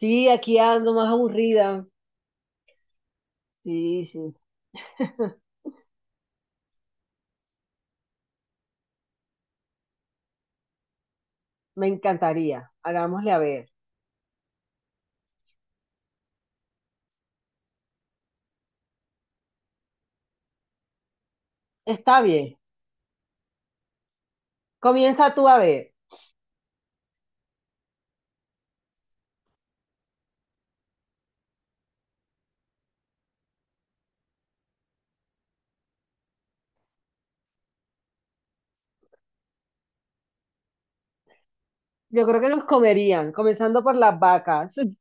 Sí, aquí ando más aburrida. Sí, sí. Me encantaría. Hagámosle a ver. Está bien. Comienza tú a ver. Yo creo que nos comerían, comenzando por las vacas.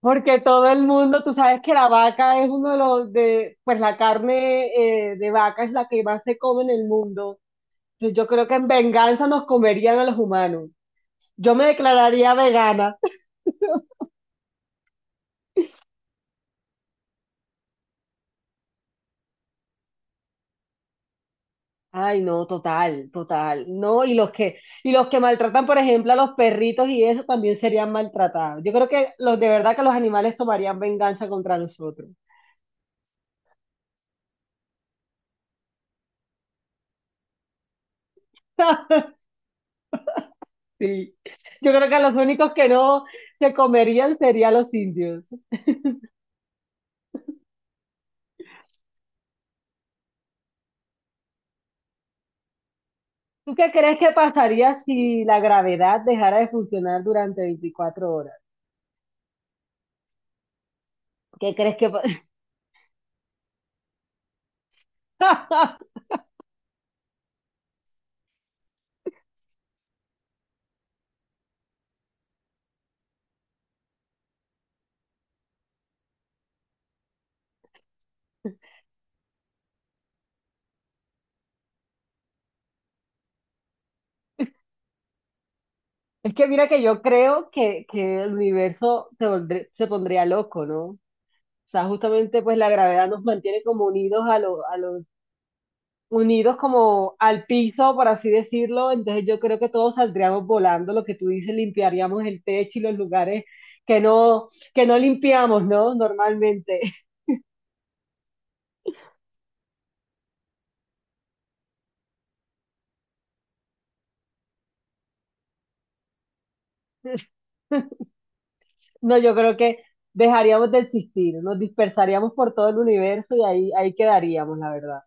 Porque todo el mundo, tú sabes que la vaca es uno de los de, pues la carne de vaca es la que más se come en el mundo. Entonces, yo creo que en venganza nos comerían a los humanos. Yo me declararía vegana. Ay, no, total, total. No, y los que maltratan, por ejemplo, a los perritos y eso también serían maltratados. Yo creo que los de verdad que los animales tomarían venganza contra nosotros. Sí. Yo creo que los únicos que no se comerían serían los indios. ¿Tú qué crees que pasaría si la gravedad dejara de funcionar durante 24 horas? ¿Qué crees que pa- Es que mira que yo creo que el universo se pondría loco, ¿no? O sea, justamente pues la gravedad nos mantiene como unidos a los, unidos como al piso, por así decirlo. Entonces yo creo que todos saldríamos volando, lo que tú dices, limpiaríamos el techo y los lugares que no, que no limpiamos, ¿no? Normalmente. No, yo creo que dejaríamos de existir, nos dispersaríamos por todo el universo y ahí quedaríamos, la verdad.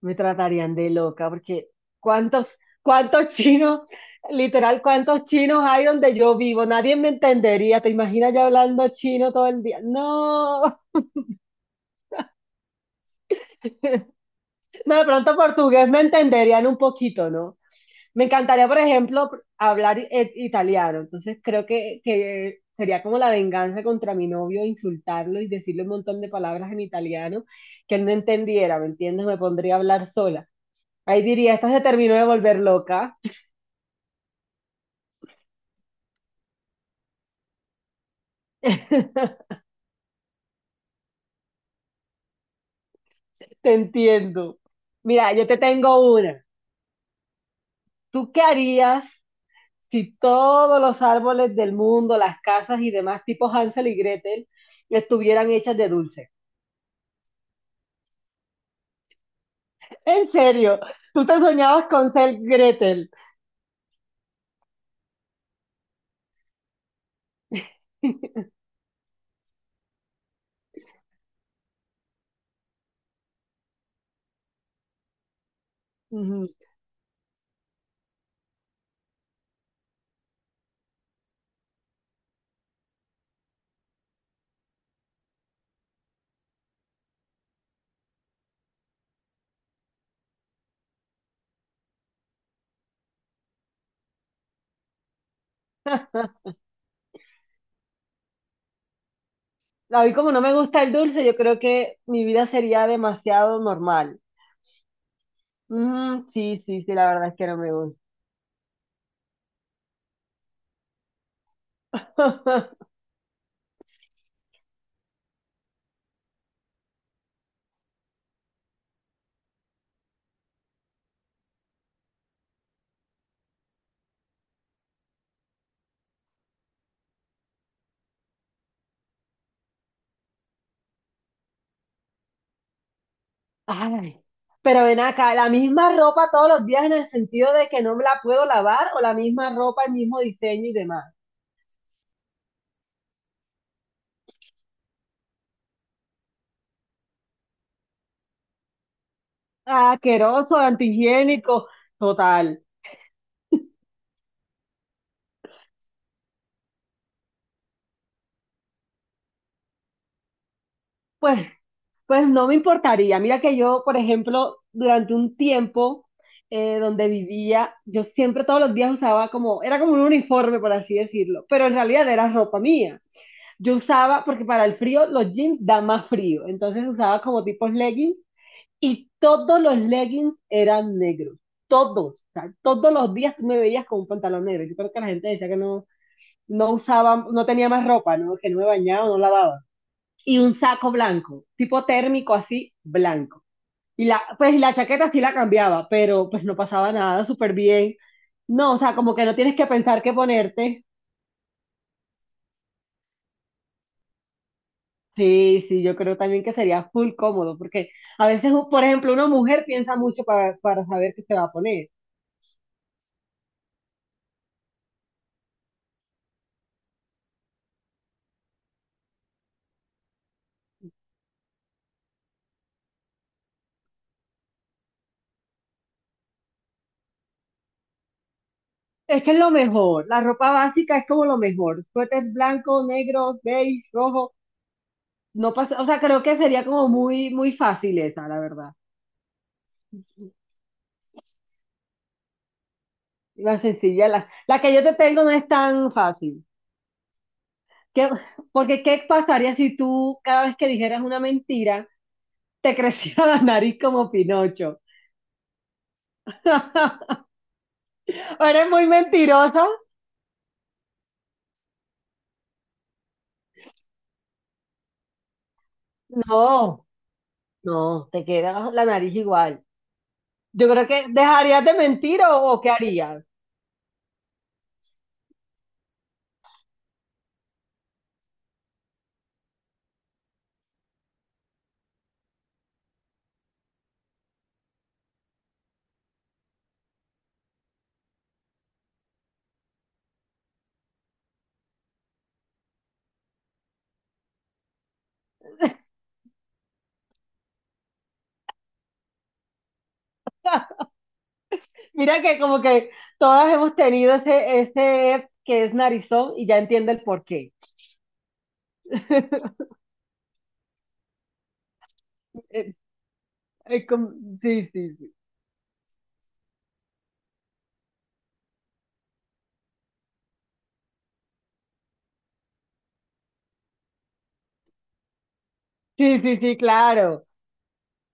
Me tratarían de loca, porque ¿cuántos, cuántos chinos, literal, cuántos chinos hay donde yo vivo? Nadie me entendería, ¿te imaginas yo hablando chino todo el día? No, no, de pronto portugués me entenderían un poquito, ¿no? Me encantaría, por ejemplo, hablar italiano, entonces creo que sería como la venganza contra mi novio, insultarlo y decirle un montón de palabras en italiano que él no entendiera, ¿me entiendes? Me pondría a hablar sola. Ahí diría, esta se terminó de volver loca. Te entiendo. Mira, yo te tengo una. ¿Tú qué harías si todos los árboles del mundo, las casas y demás, tipo Hansel y Gretel, estuvieran hechas de dulce? En serio, tú te soñabas con ser Gretel. Ujú. A mí como no me gusta el dulce, yo creo que mi vida sería demasiado normal. Ujú, sí, sí, sí, la verdad es que no me gusta. Ay, pero ven acá, ¿la misma ropa todos los días en el sentido de que no me la puedo lavar o la misma ropa, el mismo diseño y demás? Ah, asqueroso, antihigiénico, total. Pues, pues no me importaría. Mira que yo, por ejemplo, durante un tiempo donde vivía, yo siempre todos los días usaba como, era como un uniforme, por así decirlo, pero en realidad era ropa mía. Yo usaba, porque para el frío los jeans dan más frío, entonces usaba como tipos leggings. Y todos los leggings eran negros, todos, o sea, todos los días tú me veías con un pantalón negro. Yo creo que la gente decía que no, no usaba, no tenía más ropa, ¿no? Que no me bañaba, no lavaba. Y un saco blanco, tipo térmico así, blanco. Y la, pues la chaqueta sí la cambiaba, pero pues no pasaba nada, súper bien. No, o sea, como que no tienes que pensar qué ponerte. Sí, sí, yo creo también que sería full cómodo, porque a veces, por ejemplo, una mujer piensa mucho para saber qué se va a poner. Es que es lo mejor, la ropa básica es como lo mejor, suéter blanco, negro, beige, rojo, no pasa, o sea, creo que sería como muy fácil esa, la verdad. La sencilla, la que yo te tengo no es tan fácil. ¿Qué- porque qué pasaría si tú cada vez que dijeras una mentira te creciera la nariz como Pinocho? ¿O eres muy mentiroso? No, no, te queda la nariz igual. Yo creo que dejarías de mentir o qué harías. Mira que como que todas hemos tenido ese que es narizón y ya entiende el porqué. Eh, eh, como- Sí, sí, sí. Sí, sí, sí, claro.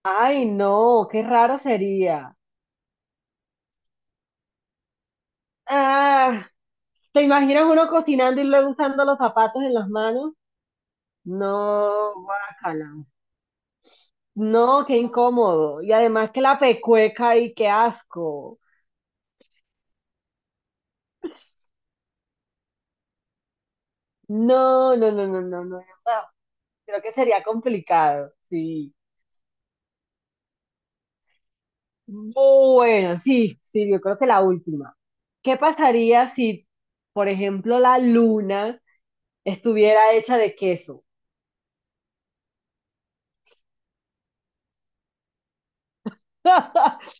Ay, no, qué raro sería. Ah, ¿te imaginas uno cocinando y luego usando los zapatos en las manos? No, guácala. No, qué incómodo. Y además que la pecueca y qué asco. No, no, no, no, no, no. No. Creo que sería complicado, sí. Bueno, sí, sí, yo creo que la última. ¿Qué pasaría si, por ejemplo, la luna estuviera hecha de queso?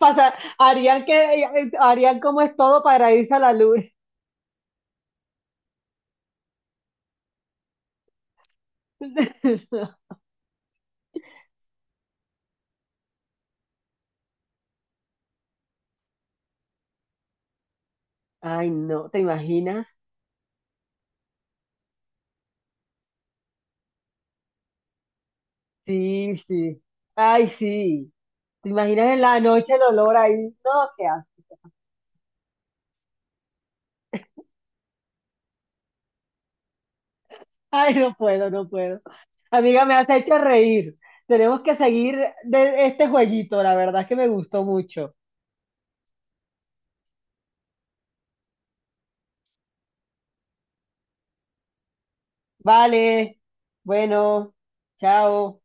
Harían que, harían como es todo para irse a la luna. Ay, no, ¿te imaginas? Sí, sí. Ay, sí. ¿Te imaginas en la noche el olor ahí? No, qué asco. Ay, no puedo, no puedo. Amiga, me has hecho reír. Tenemos que seguir de este jueguito, la verdad es que me gustó mucho. Vale, bueno, chao.